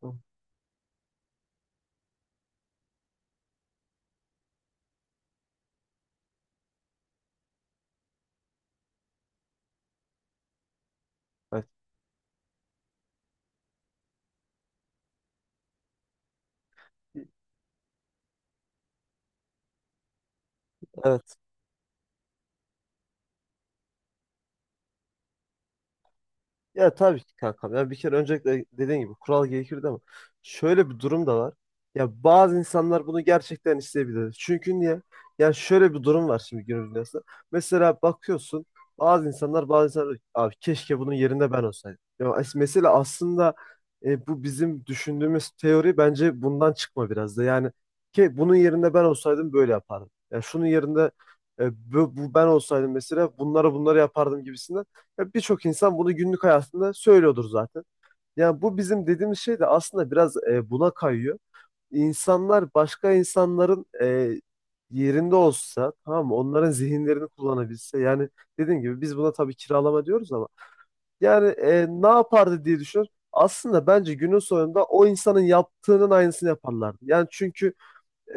Hı, evet. Evet. Ya tabii ki kankam. Ya bir kere öncelikle dediğin gibi kural gerekir değil mi? Şöyle bir durum da var. Ya bazı insanlar bunu gerçekten isteyebilir. Çünkü niye? Ya şöyle bir durum var şimdi günümüz dünyasında. Mesela bakıyorsun bazı insanlar abi keşke bunun yerinde ben olsaydım. Mesela aslında bu bizim düşündüğümüz teori bence bundan çıkma biraz da. Yani ki bunun yerinde ben olsaydım böyle yapardım. Ya şunun yerinde bu ben olsaydım mesela bunları yapardım gibisinden. Ya birçok insan bunu günlük hayatında söylüyordur zaten. Yani bu bizim dediğimiz şey de aslında biraz buna kayıyor. İnsanlar başka insanların yerinde olsa tamam mı? Onların zihinlerini kullanabilse. Yani dediğim gibi biz buna tabii kiralama diyoruz ama yani ne yapardı diye düşünüyorum. Aslında bence günün sonunda o insanın yaptığının aynısını yaparlardı. Yani çünkü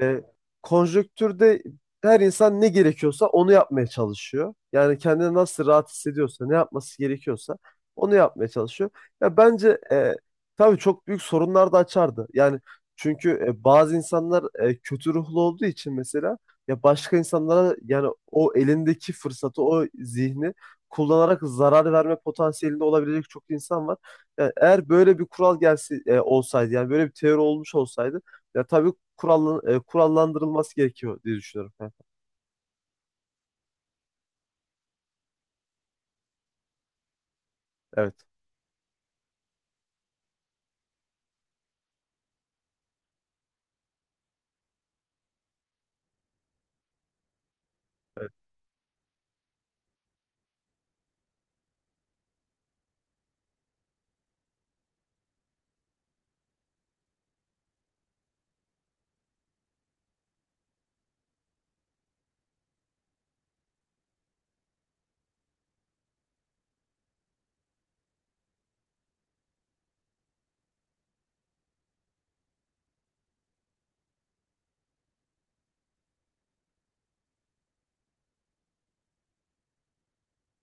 e, konjonktürde her insan ne gerekiyorsa onu yapmaya çalışıyor. Yani kendini nasıl rahat hissediyorsa, ne yapması gerekiyorsa onu yapmaya çalışıyor. Ya bence tabii çok büyük sorunlar da açardı. Yani çünkü bazı insanlar kötü ruhlu olduğu için mesela ya başka insanlara yani o elindeki fırsatı, o zihni kullanarak zarar verme potansiyelinde olabilecek çok insan var. Yani eğer böyle bir kural gelse olsaydı yani böyle bir teori olmuş olsaydı ya tabii kurallandırılması gerekiyor diye düşünüyorum. Ha, evet.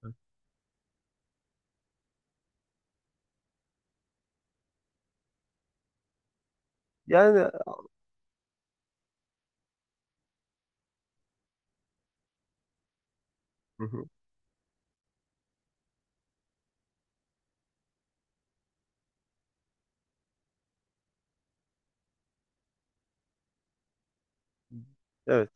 Evet. Yani hı hı. Evet.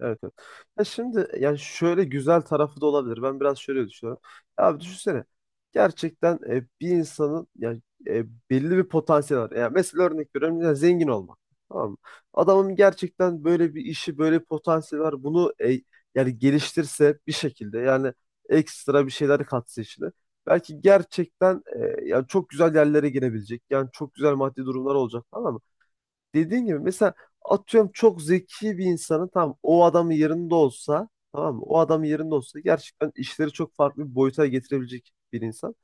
Evet, evet. Ya şimdi yani şöyle güzel tarafı da olabilir. Ben biraz şöyle düşünüyorum. Ya abi düşünsene. Gerçekten bir insanın yani belli bir potansiyeli var. Yani mesela örnek veriyorum ya zengin olmak. Tamam mı? Adamın gerçekten böyle bir işi, böyle bir potansiyeli var. Bunu yani geliştirse bir şekilde yani ekstra bir şeyler katsa işine. Belki gerçekten yani çok güzel yerlere girebilecek. Yani çok güzel maddi durumlar olacak falan dediğin gibi mesela atıyorum çok zeki bir insanın tam o adamın yerinde olsa tamam mı? O adamın yerinde olsa gerçekten işleri çok farklı bir boyuta getirebilecek bir insan.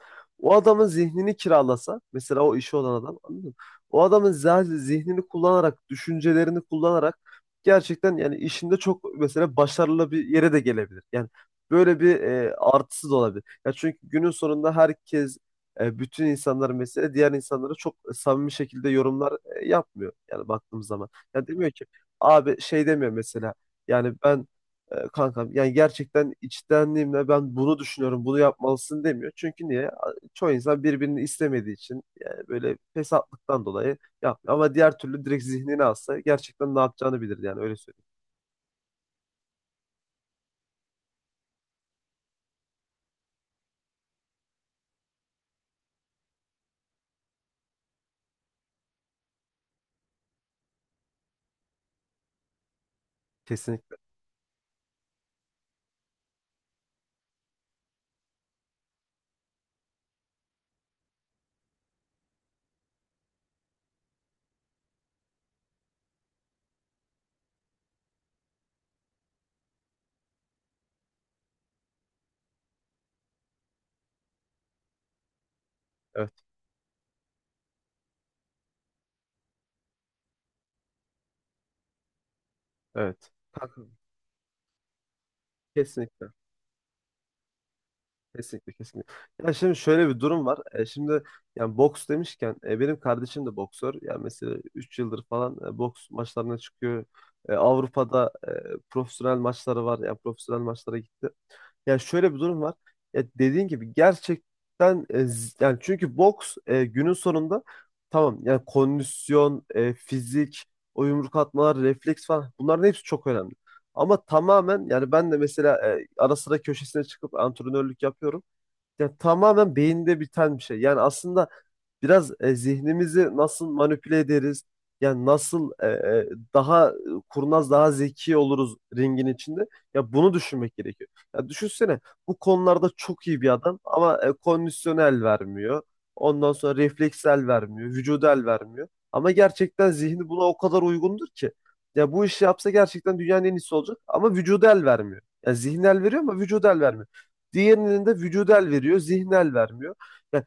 O adamın zihnini kiralasa mesela o işi olan adam anladın mı? O adamın zihnini kullanarak, düşüncelerini kullanarak gerçekten yani işinde çok mesela başarılı bir yere de gelebilir. Yani böyle bir artısı da olabilir. Ya çünkü günün sonunda herkes bütün insanlar mesela diğer insanlara çok samimi şekilde yorumlar yapmıyor yani baktığımız zaman. Ya demiyor ki abi şey demiyor mesela yani ben kankam yani gerçekten içtenliğimle ben bunu düşünüyorum bunu yapmalısın demiyor. Çünkü niye? Çoğu insan birbirini istemediği için yani böyle fesatlıktan dolayı yapmıyor. Ama diğer türlü direkt zihnine alsa gerçekten ne yapacağını bilir yani öyle söyleyeyim. Kesinlikle, evet, evet. Kankam, kesinlikle. Kesinlikle, kesinlikle. Ya şimdi şöyle bir durum var. E, şimdi yani boks demişken benim kardeşim de boksör. Yani mesela 3 yıldır falan boks maçlarına çıkıyor. E, Avrupa'da profesyonel maçları var. Yani profesyonel maçlara gitti. Yani şöyle bir durum var. Ya dediğin gibi gerçekten yani çünkü boks günün sonunda tamam yani kondisyon, fizik, o yumruk atmalar, refleks falan bunların hepsi çok önemli. Ama tamamen yani ben de mesela ara sıra köşesine çıkıp antrenörlük yapıyorum. Ya tamamen beyinde biten bir şey. Yani aslında biraz zihnimizi nasıl manipüle ederiz? Yani nasıl daha kurnaz, daha zeki oluruz ringin içinde? Ya bunu düşünmek gerekiyor. Ya düşünsene bu konularda çok iyi bir adam ama kondisyonel vermiyor. Ondan sonra refleksel vermiyor, vücudel vermiyor. Ama gerçekten zihni buna o kadar uygundur ki. Ya bu işi yapsa gerçekten dünyanın en iyisi olacak ama vücudel vermiyor. Ya zihnel veriyor ama vücudel vermiyor. Diğerinin de vücudel veriyor, zihnel vermiyor. Yani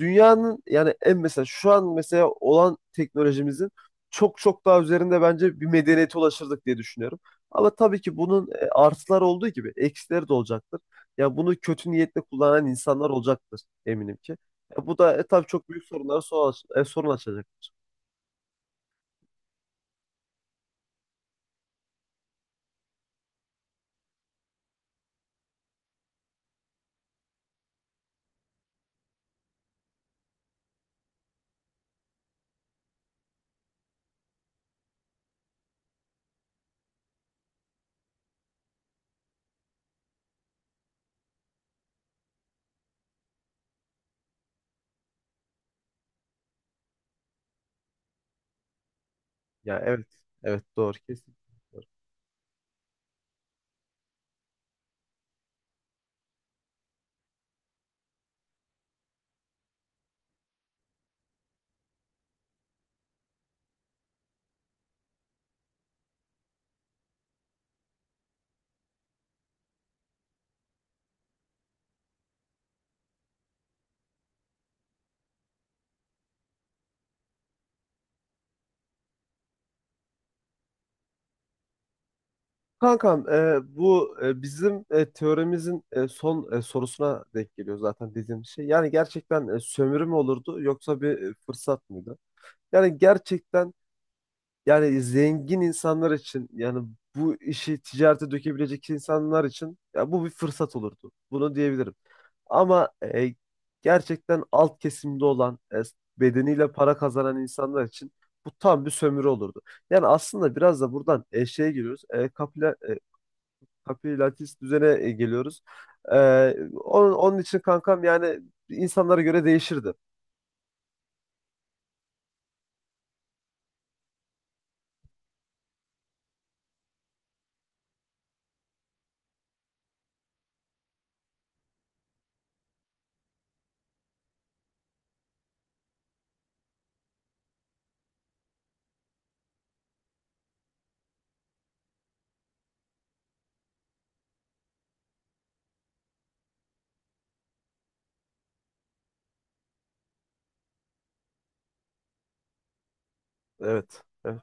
dünyanın yani en mesela şu an mesela olan teknolojimizin çok çok daha üzerinde bence bir medeniyete ulaşırdık diye düşünüyorum. Ama tabii ki bunun artıları olduğu gibi eksileri de olacaktır. Ya bunu kötü niyetle kullanan insanlar olacaktır eminim ki. Ya bu da tabii çok büyük sorunlara sorun açacak. Ya evet, evet doğru kesin. Kankam, bizim teoremizin son sorusuna denk geliyor zaten dediğim şey. Yani gerçekten sömürü mü olurdu yoksa bir fırsat mıydı? Yani gerçekten yani zengin insanlar için yani bu işi ticarete dökebilecek insanlar için ya bu bir fırsat olurdu. Bunu diyebilirim. Ama gerçekten alt kesimde olan bedeniyle para kazanan insanlar için bu tam bir sömürü olurdu. Yani aslında biraz da buradan şeye giriyoruz. Kapi Latis düzene geliyoruz. Ee, onun, onun için kankam yani insanlara göre değişirdi. Evet. Evet.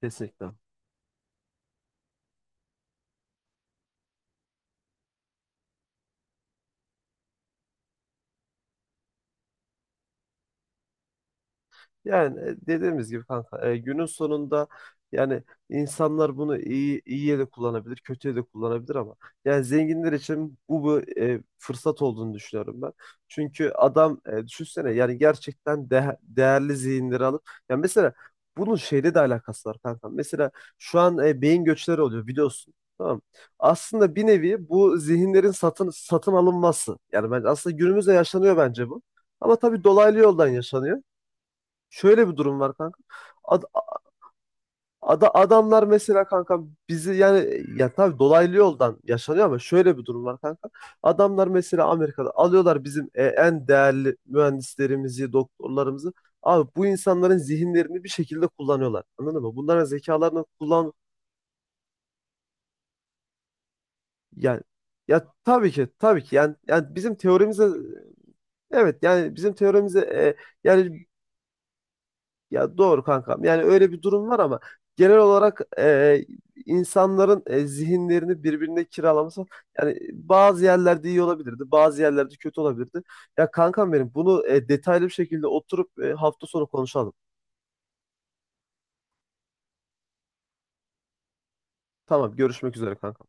Kesinlikle. Yani dediğimiz gibi kanka günün sonunda yani insanlar bunu iyi iyiye de kullanabilir, kötüye de kullanabilir ama yani zenginler için bu fırsat olduğunu düşünüyorum ben. Çünkü adam düşünsene yani gerçekten değerli zihinleri alıp yani mesela bunun şeyle de alakası var kanka. Mesela şu an beyin göçleri oluyor biliyorsun. Tamam. Aslında bir nevi bu zihinlerin satın alınması. Yani ben aslında günümüzde yaşanıyor bence bu. Ama tabii dolaylı yoldan yaşanıyor şöyle bir durum var kanka. Ad, Adamlar mesela kanka bizi yani ya tabii dolaylı yoldan yaşanıyor ama şöyle bir durum var kanka. Adamlar mesela Amerika'da alıyorlar bizim en değerli mühendislerimizi, doktorlarımızı. Abi bu insanların zihinlerini bir şekilde kullanıyorlar. Anladın mı? Bunların zekalarını kullan yani ya tabii ki tabii ki yani, yani bizim teorimize evet yani bizim teorimize yani ya doğru kankam. Yani öyle bir durum var ama genel olarak insanların zihinlerini birbirine kiralaması yani bazı yerlerde iyi olabilirdi, bazı yerlerde kötü olabilirdi. Ya kankam benim bunu detaylı bir şekilde oturup hafta sonu konuşalım. Tamam, görüşmek üzere kankam.